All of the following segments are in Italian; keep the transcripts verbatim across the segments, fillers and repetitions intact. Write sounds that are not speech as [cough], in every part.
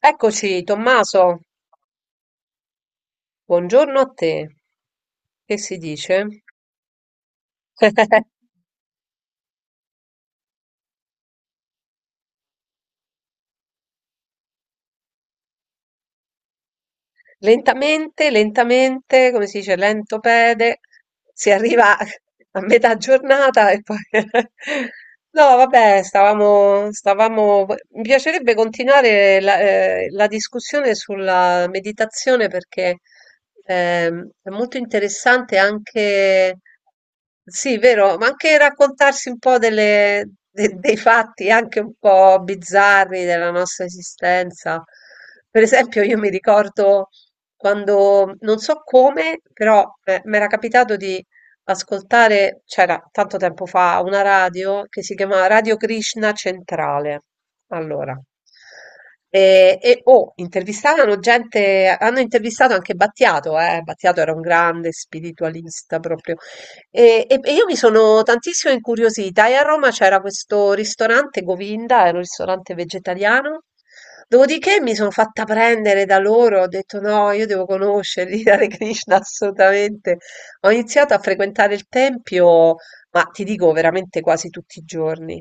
Eccoci, Tommaso, buongiorno a te, che si dice? [laughs] Lentamente, lentamente, come si dice, lento pede, si arriva a metà giornata e poi... [laughs] No, vabbè, stavamo, stavamo... Mi piacerebbe continuare la, eh, la discussione sulla meditazione perché ehm, è molto interessante anche... Sì, vero, ma anche raccontarsi un po' delle- de- dei fatti anche un po' bizzarri della nostra esistenza. Per esempio, io mi ricordo quando non so come, però mi era capitato di ascoltare, c'era tanto tempo fa, una radio che si chiamava Radio Krishna Centrale. Allora, e, e oh, intervistavano gente, hanno intervistato anche Battiato, eh. Battiato era un grande spiritualista proprio. E, e- e io mi sono tantissimo incuriosita e a Roma c'era questo ristorante Govinda, era un ristorante vegetariano. Dopodiché mi sono fatta prendere da loro, ho detto no, io devo conoscerli, [laughs] Hare Krishna assolutamente. Ho iniziato a frequentare il tempio, ma ti dico veramente quasi tutti i giorni,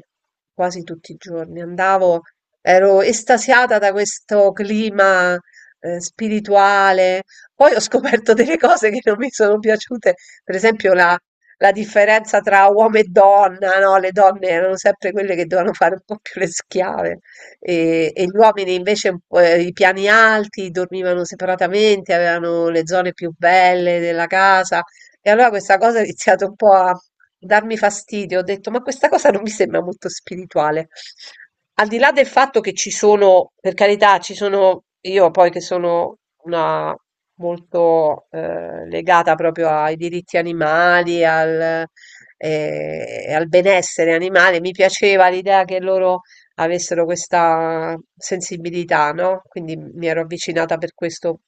quasi tutti i giorni. Andavo, ero estasiata da questo clima eh, spirituale. Poi ho scoperto delle cose che non mi sono piaciute, per esempio la, la differenza tra uomo e donna, no? Le donne erano sempre quelle che dovevano fare un po' più le schiave e, e gli uomini invece un po', eh, i piani alti dormivano separatamente, avevano le zone più belle della casa e allora questa cosa ha iniziato un po' a darmi fastidio. Ho detto, ma questa cosa non mi sembra molto spirituale. Al di là del fatto che ci sono, per carità, ci sono io poi che sono una molto eh, legata proprio ai diritti animali, al, eh, al benessere animale, mi piaceva l'idea che loro avessero questa sensibilità, no? Quindi mi ero avvicinata per questo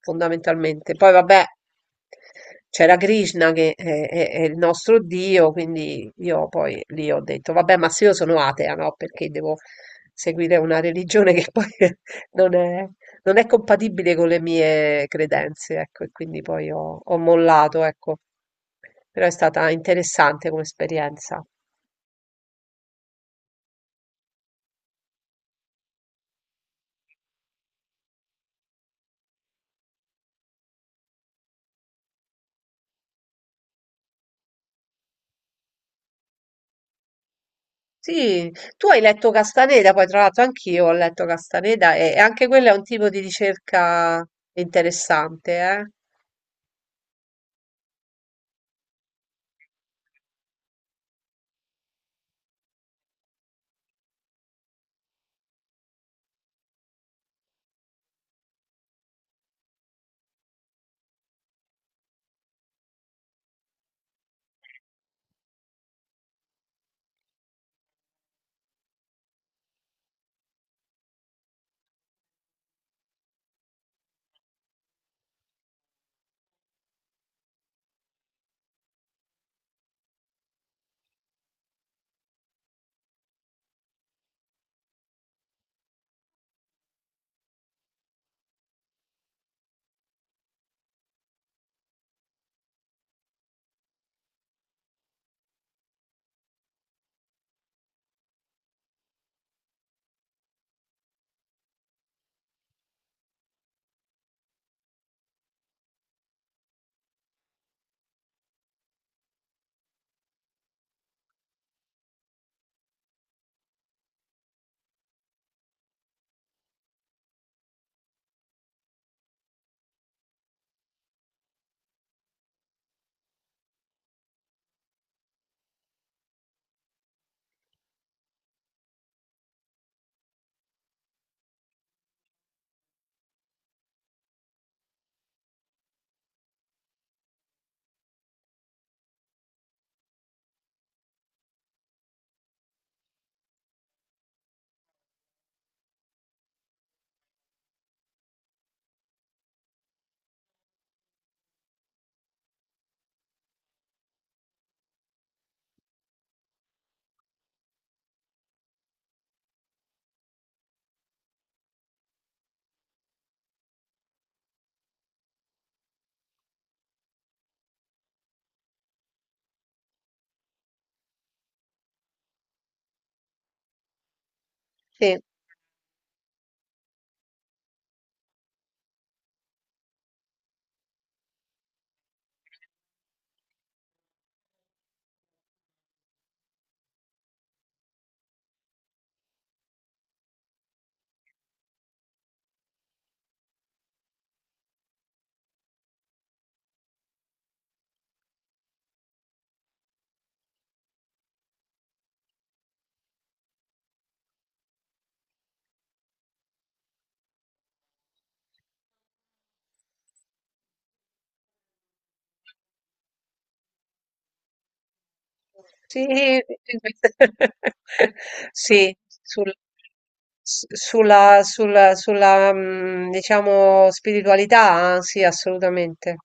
fondamentalmente. Poi vabbè, c'era Krishna che è, è- è il nostro Dio, quindi io poi lì ho detto, vabbè, ma se io sono atea, no? Perché devo seguire una religione che poi [laughs] non è, non è compatibile con le mie credenze, ecco, e quindi poi ho, ho mollato, ecco. Però è stata interessante come esperienza. Sì, tu hai letto Castaneda, poi tra l'altro anch'io ho letto Castaneda e, e anche quello è un tipo di ricerca interessante, eh? Sì. Sì, [laughs] sì, sul- s- sulla, sulla, sulla, mm, diciamo, spiritualità, sì, assolutamente.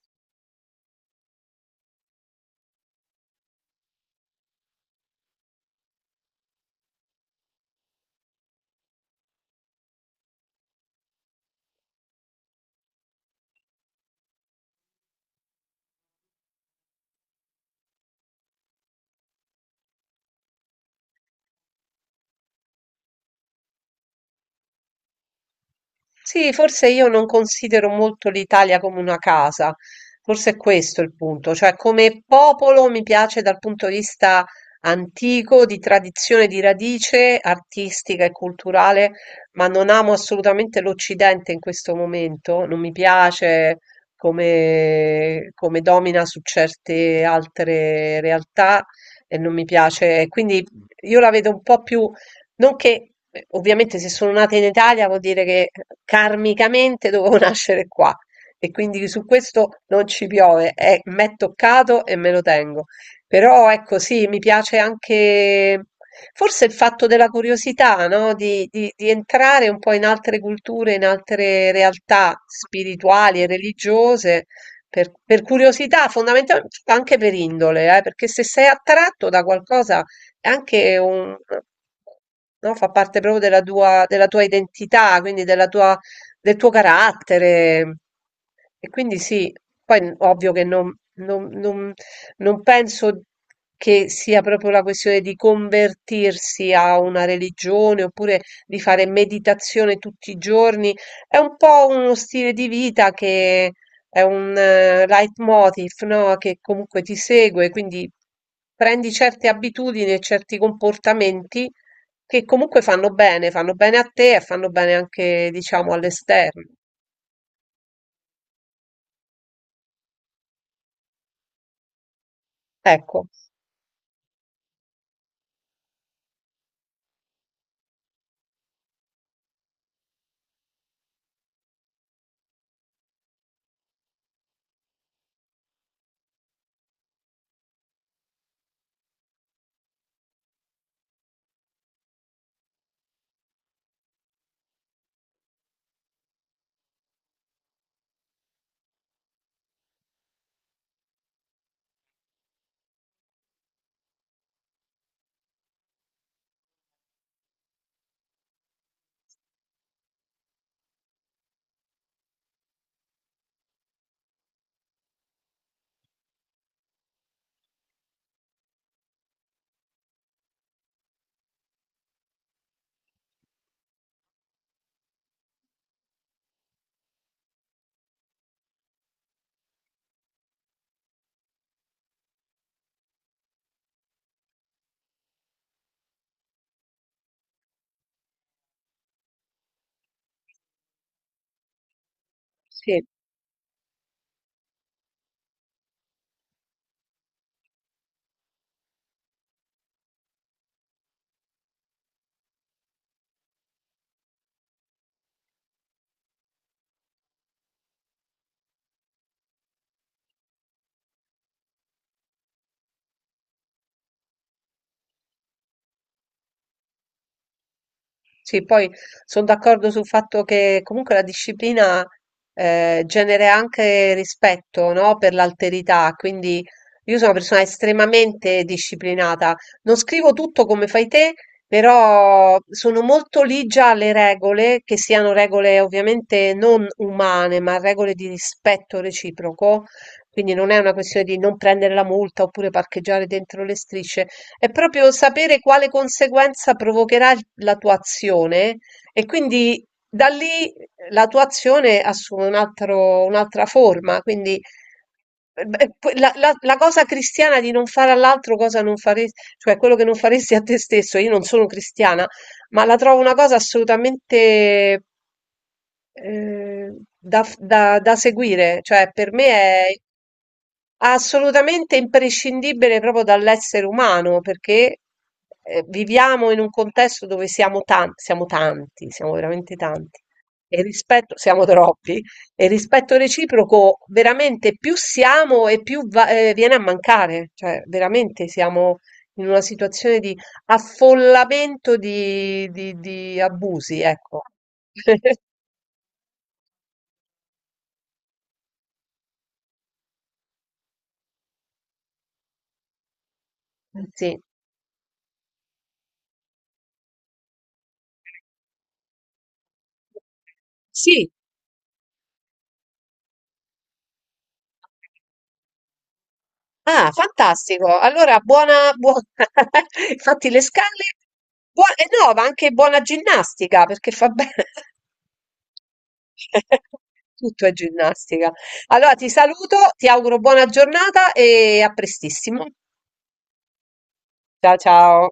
Sì, forse io non considero molto l'Italia come una casa, forse è questo il punto, cioè come popolo mi piace dal punto di vista antico, di tradizione, di radice artistica e culturale, ma non amo assolutamente l'Occidente in questo momento, non mi piace come, come domina su certe altre realtà e non mi piace, quindi io la vedo un po' più. Nonché, beh, ovviamente se sono nata in Italia vuol dire che karmicamente dovevo [laughs] nascere qua e quindi su questo non ci piove, è, m'è toccato e me lo tengo. Però ecco sì, mi piace anche forse il fatto della curiosità, no? Di, di- di entrare un po' in altre culture, in altre realtà spirituali e religiose. Per, per curiosità, fondamentalmente anche per indole, eh, perché se sei attratto da qualcosa è anche un no, fa parte proprio della tua della tua identità, quindi della tua del tuo carattere. E quindi sì, poi n- ovvio che non, non- non- non penso che sia proprio la questione di convertirsi a una religione oppure di fare meditazione tutti i giorni. È un po' uno stile di vita che è un eh, leitmotiv, no, che comunque ti segue, quindi prendi certe abitudini e certi comportamenti che comunque fanno bene, fanno bene a te e fanno bene anche, diciamo, all'esterno. Ecco, sì. Sì, poi sono d'accordo sul fatto che comunque la disciplina eh, genera anche rispetto, no, per l'alterità, quindi io sono una persona estremamente disciplinata. Non scrivo tutto come fai te, però sono molto ligia alle regole, che siano regole ovviamente non umane, ma regole di rispetto reciproco. Quindi non è una questione di non prendere la multa oppure parcheggiare dentro le strisce. È proprio sapere quale conseguenza provocherà il la tua azione e quindi da lì la tua azione assume un altro un'altra forma, quindi eh beh, que la la la cosa cristiana di non fare all'altro cosa non fare cioè quello che non faresti a te stesso, io non sono cristiana, ma la trovo una cosa assolutamente, ehm, da f da da seguire, cioè per me è assolutamente imprescindibile proprio dall'essere umano, perché, ehm, viviamo in un contesto dove siamo tan siamo tanti, siamo veramente tanti, e il rispetto siamo [laughs] troppi, e il rispetto reciproco veramente più siamo e più va ehm, viene a mancare, cioè veramente siamo in una situazione di affollamento di di di abusi, ecco. [laughs] Sì. Sì. Ah, fantastico. Allora, buona, buona... [laughs] Infatti le scale, buona... eh no, ma anche buona ginnastica, perché fa bene. [laughs] Tutto è ginnastica. Allora, ti saluto, ti auguro buona giornata e a prestissimo. Ciao, ciao.